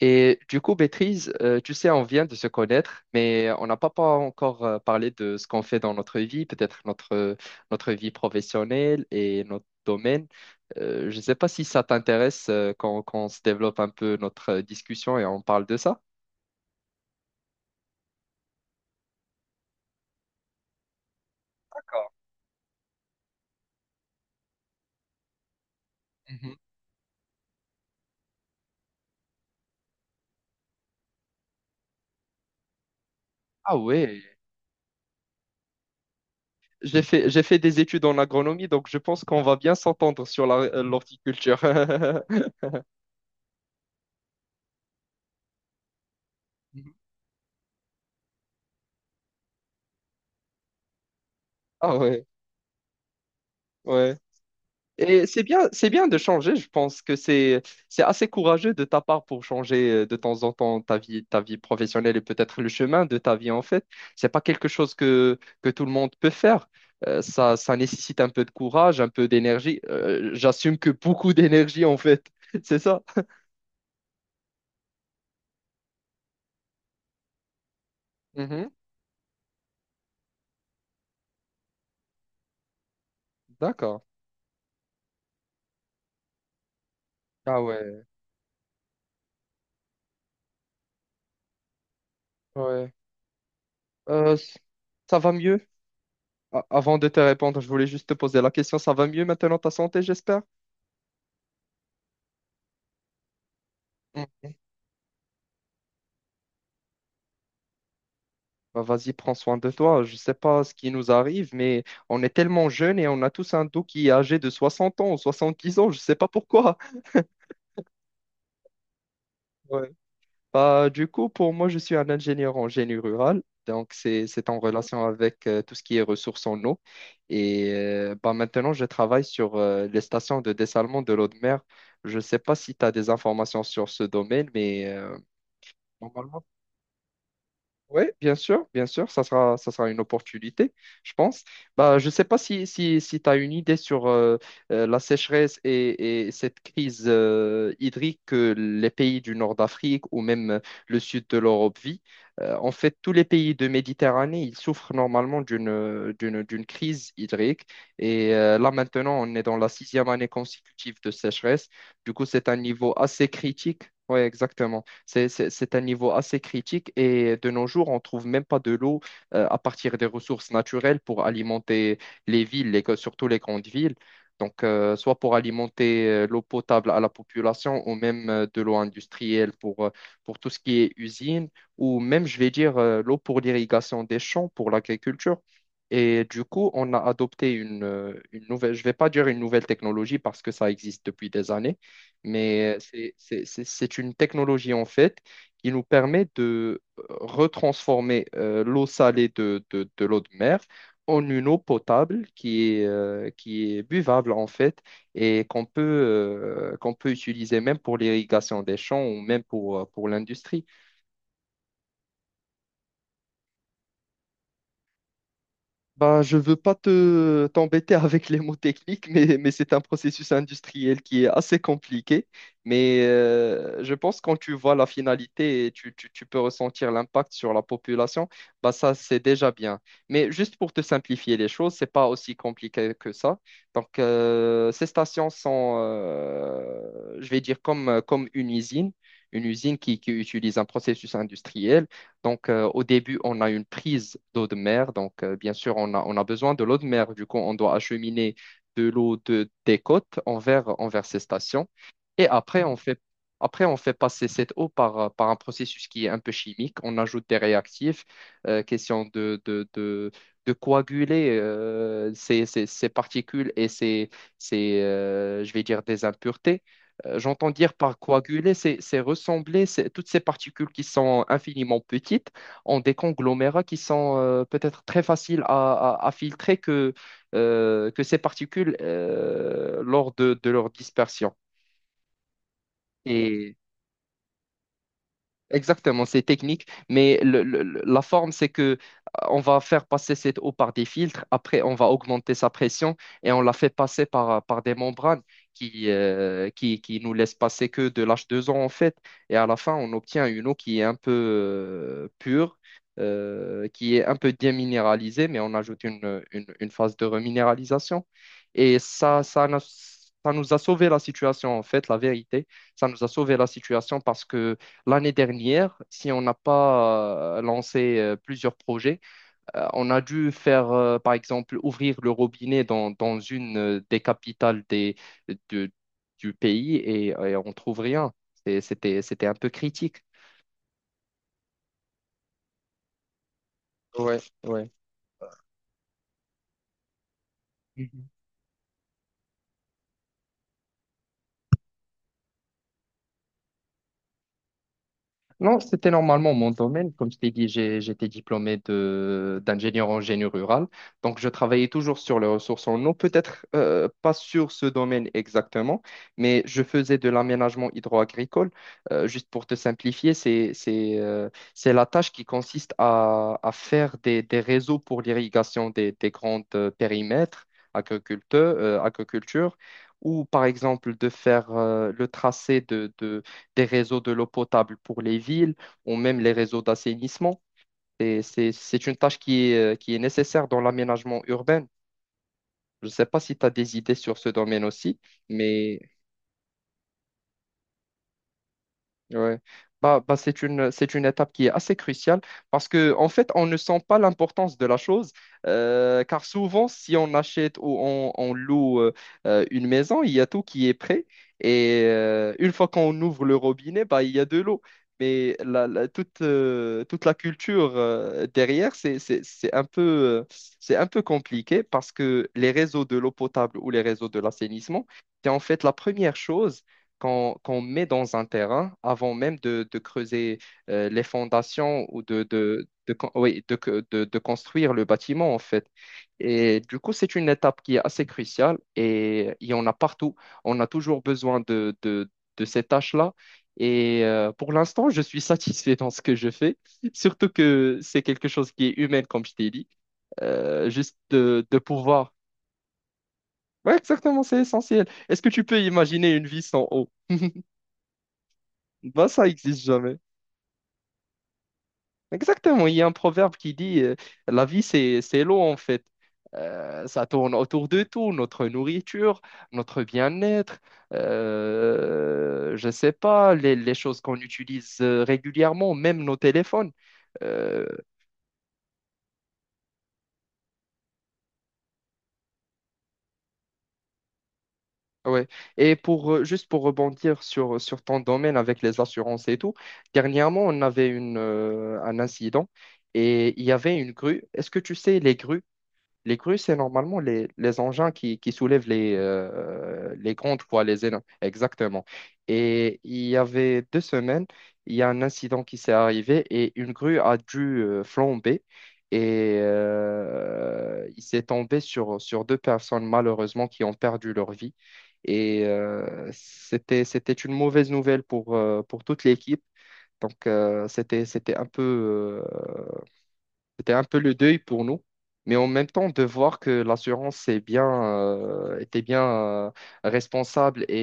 Et du coup, Béatrice, tu sais, on vient de se connaître, mais on n'a pas encore parlé de ce qu'on fait dans notre vie, peut-être notre vie professionnelle et notre domaine. Je ne sais pas si ça t'intéresse quand on se développe un peu notre discussion et on parle de ça. Mhm. Ah ouais, j'ai fait des études en agronomie, donc je pense qu'on va bien s'entendre sur l'horticulture. Ah ouais, ouais. Et c'est bien de changer. Je pense que c'est assez courageux de ta part pour changer de temps en temps ta vie professionnelle et peut-être le chemin de ta vie en fait. C'est pas quelque chose que tout le monde peut faire. Ça nécessite un peu de courage, un peu d'énergie. J'assume que beaucoup d'énergie en fait. C'est ça. Mhm. D'accord. Ah ouais, ouais. Euh, s- ça va mieux? Avant de te répondre, je voulais juste te poser la question. Ça va mieux maintenant ta santé, j'espère? Bah, vas-y, prends soin de toi. Je sais pas ce qui nous arrive, mais on est tellement jeunes et on a tous un dos qui est âgé de 60 ans ou 70 ans. Je sais pas pourquoi. Ouais. Bah, du coup, pour moi, je suis un ingénieur en génie rural. Donc, c'est en relation avec tout ce qui est ressources en eau. Et bah, maintenant, je travaille sur les stations de dessalement de l'eau de mer. Je ne sais pas si tu as des informations sur ce domaine, mais normalement, oui, bien sûr, ça sera une opportunité, je pense. Bah, je ne sais pas si tu as une idée sur la sécheresse et cette crise hydrique que les pays du nord d'Afrique ou même le sud de l'Europe vit. En fait, tous les pays de Méditerranée, ils souffrent normalement d'une crise hydrique. Et là, maintenant, on est dans la sixième année consécutive de sécheresse. Du coup, c'est un niveau assez critique. Oui, exactement. C'est un niveau assez critique et de nos jours, on trouve même pas de l'eau à partir des ressources naturelles pour alimenter les villes, surtout les grandes villes. Donc, soit pour alimenter l'eau potable à la population ou même de l'eau industrielle pour tout ce qui est usine ou même, je vais dire, l'eau pour l'irrigation des champs, pour l'agriculture. Et du coup, on a adopté une nouvelle, je vais pas dire une nouvelle technologie parce que ça existe depuis des années, mais c'est une technologie en fait qui nous permet de retransformer l'eau salée de l'eau de mer en une eau potable qui est buvable en fait et qu'on peut utiliser même pour l'irrigation des champs ou même pour l'industrie. Bah, je veux pas te t'embêter avec les mots techniques, mais c'est un processus industriel qui est assez compliqué. Mais je pense quand tu vois la finalité et tu peux ressentir l'impact sur la population, bah ça c'est déjà bien. Mais juste pour te simplifier les choses, c'est pas aussi compliqué que ça. Donc ces stations sont, je vais dire comme une usine qui utilise un processus industriel. Donc, au début, on a une prise d'eau de mer. Donc, bien sûr, on a besoin de l'eau de mer. Du coup, on doit acheminer de l'eau des côtes envers ces stations. Et après, on fait passer cette eau par un processus qui est un peu chimique. On ajoute des réactifs, question de coaguler ces particules et ces, ces je vais dire, des impuretés. J'entends dire par coaguler, c'est ressembler toutes ces particules qui sont infiniment petites en des conglomérats qui sont peut-être très faciles à filtrer que ces particules lors de leur dispersion. Et Exactement, c'est technique, mais la forme, c'est que on va faire passer cette eau par des filtres, après on va augmenter sa pression et on la fait passer par des membranes qui nous laissent passer que de l'H2O en fait. Et à la fin, on obtient une eau qui est un peu pure, qui est un peu déminéralisée, mais on ajoute une phase de reminéralisation. Et ça, n'a- ça nous a sauvé la situation en fait, la vérité. Ça nous a sauvé la situation parce que l'année dernière, si on n'a pas lancé plusieurs projets, on a dû faire, par exemple, ouvrir le robinet dans une des capitales de- du pays et on trouve rien. C'était un peu critique. Ouais, ouais. Non, c'était normalement mon domaine. Comme je t'ai dit, j'étais diplômé de d'ingénieur en génie rural. Donc, je travaillais toujours sur les ressources en eau, peut-être pas sur ce domaine exactement, mais je faisais de l'aménagement hydro-agricole. Juste pour te simplifier, c'est la tâche qui consiste à faire des réseaux pour l'irrigation des grands périmètres agriculteurs, agriculture, ou par exemple de faire le tracé des réseaux de l'eau potable pour les villes ou même les réseaux d'assainissement. Et c'est une tâche qui est nécessaire dans l'aménagement urbain. Je ne sais pas si tu as des idées sur ce domaine aussi, mais ouais. Bah, c'est c'est une étape qui est assez cruciale parce que en fait, on ne sent pas l'importance de la chose car souvent, si on achète ou on loue une maison, il y a tout qui est prêt et une fois qu'on ouvre le robinet, bah, il y a de l'eau. Mais toute, toute la culture derrière, c'est un peu compliqué parce que les réseaux de l'eau potable ou les réseaux de l'assainissement, c'est en fait la première chose qu'on met dans un terrain avant même de creuser les fondations ou oui, de construire le bâtiment, en fait. Et du coup, c'est une étape qui est assez cruciale et il y en a partout. On a toujours besoin de ces tâches-là. Et pour l'instant, je suis satisfait dans ce que je fais, surtout que c'est quelque chose qui est humain, comme je t'ai dit. De pouvoir. Ouais, exactement, c'est essentiel. Est-ce que tu peux imaginer une vie sans eau? Bah, ça existe jamais. Exactement, il y a un proverbe qui dit la vie c'est l'eau en fait. Ça tourne autour de tout, notre nourriture, notre bien-être, je sais pas, les choses qu'on utilise régulièrement, même nos téléphones. Euh, ouais. Et pour juste pour rebondir sur ton domaine avec les assurances et tout, dernièrement on avait un incident et il y avait une grue. Est-ce que tu sais les grues? Les grues, c'est normalement les engins qui soulèvent les grandes poids, les énormes. Exactement. Et il y avait deux semaines, il y a un incident qui s'est arrivé et une grue a dû flamber et il s'est tombé sur deux personnes malheureusement qui ont perdu leur vie. Et c'était une mauvaise nouvelle pour toute l'équipe. Donc, euh, c'était un peu le deuil pour nous, mais en même temps de voir que l'assurance c'est bien, était bien responsable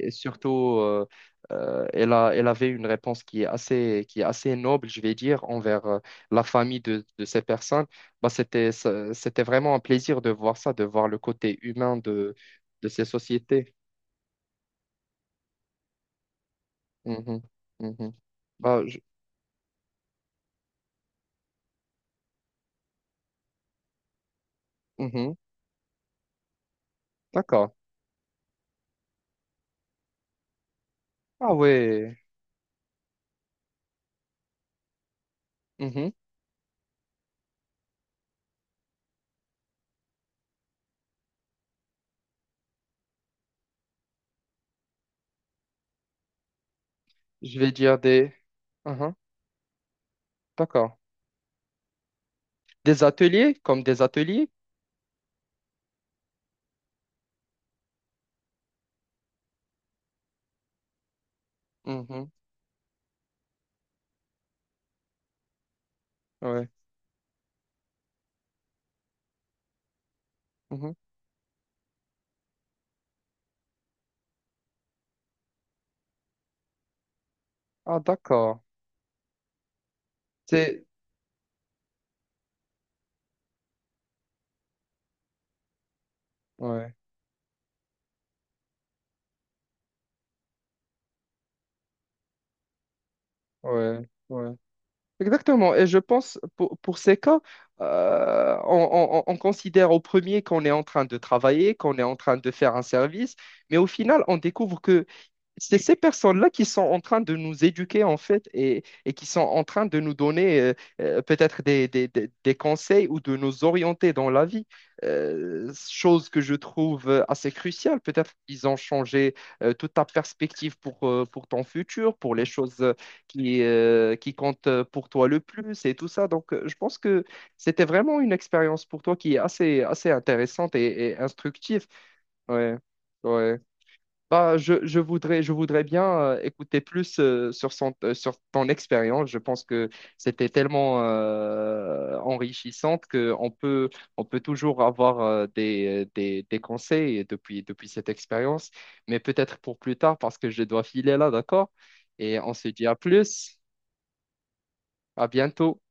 et surtout elle elle avait une réponse qui est assez noble, je vais dire, envers la famille de ces personnes. Bah, c'était vraiment un plaisir de voir ça, de voir le côté humain de ces sociétés. Mhm. Mhm. Bah, je- mhm. D'accord. Ah ouais. Mhm. Je vais dire des... Mhm. D'accord. Des ateliers, comme des ateliers? Mhm, ouais. Mhm. Ah, d'accord. C'est... Ouais, ouais, ouais. Exactement. Et je pense, pour ces cas, on considère au premier qu'on est en train de travailler, qu'on est en train de faire un service, mais au final, on découvre que c'est ces personnes-là qui sont en train de nous éduquer, en fait, et qui sont en train de nous donner peut-être des conseils ou de nous orienter dans la vie. Chose que je trouve assez cruciale. Peut-être qu'ils ont changé toute ta perspective pour ton futur, pour les choses qui comptent pour toi le plus et tout ça. Donc, je pense que c'était vraiment une expérience pour toi assez intéressante et instructive. Ouais, ouais. Bah, je voudrais bien écouter plus sur ton expérience. Je pense que c'était tellement enrichissante qu'on peut, on peut toujours avoir des conseils depuis cette expérience, mais peut-être pour plus tard parce que je dois filer là, d'accord? Et on se dit à plus, à bientôt.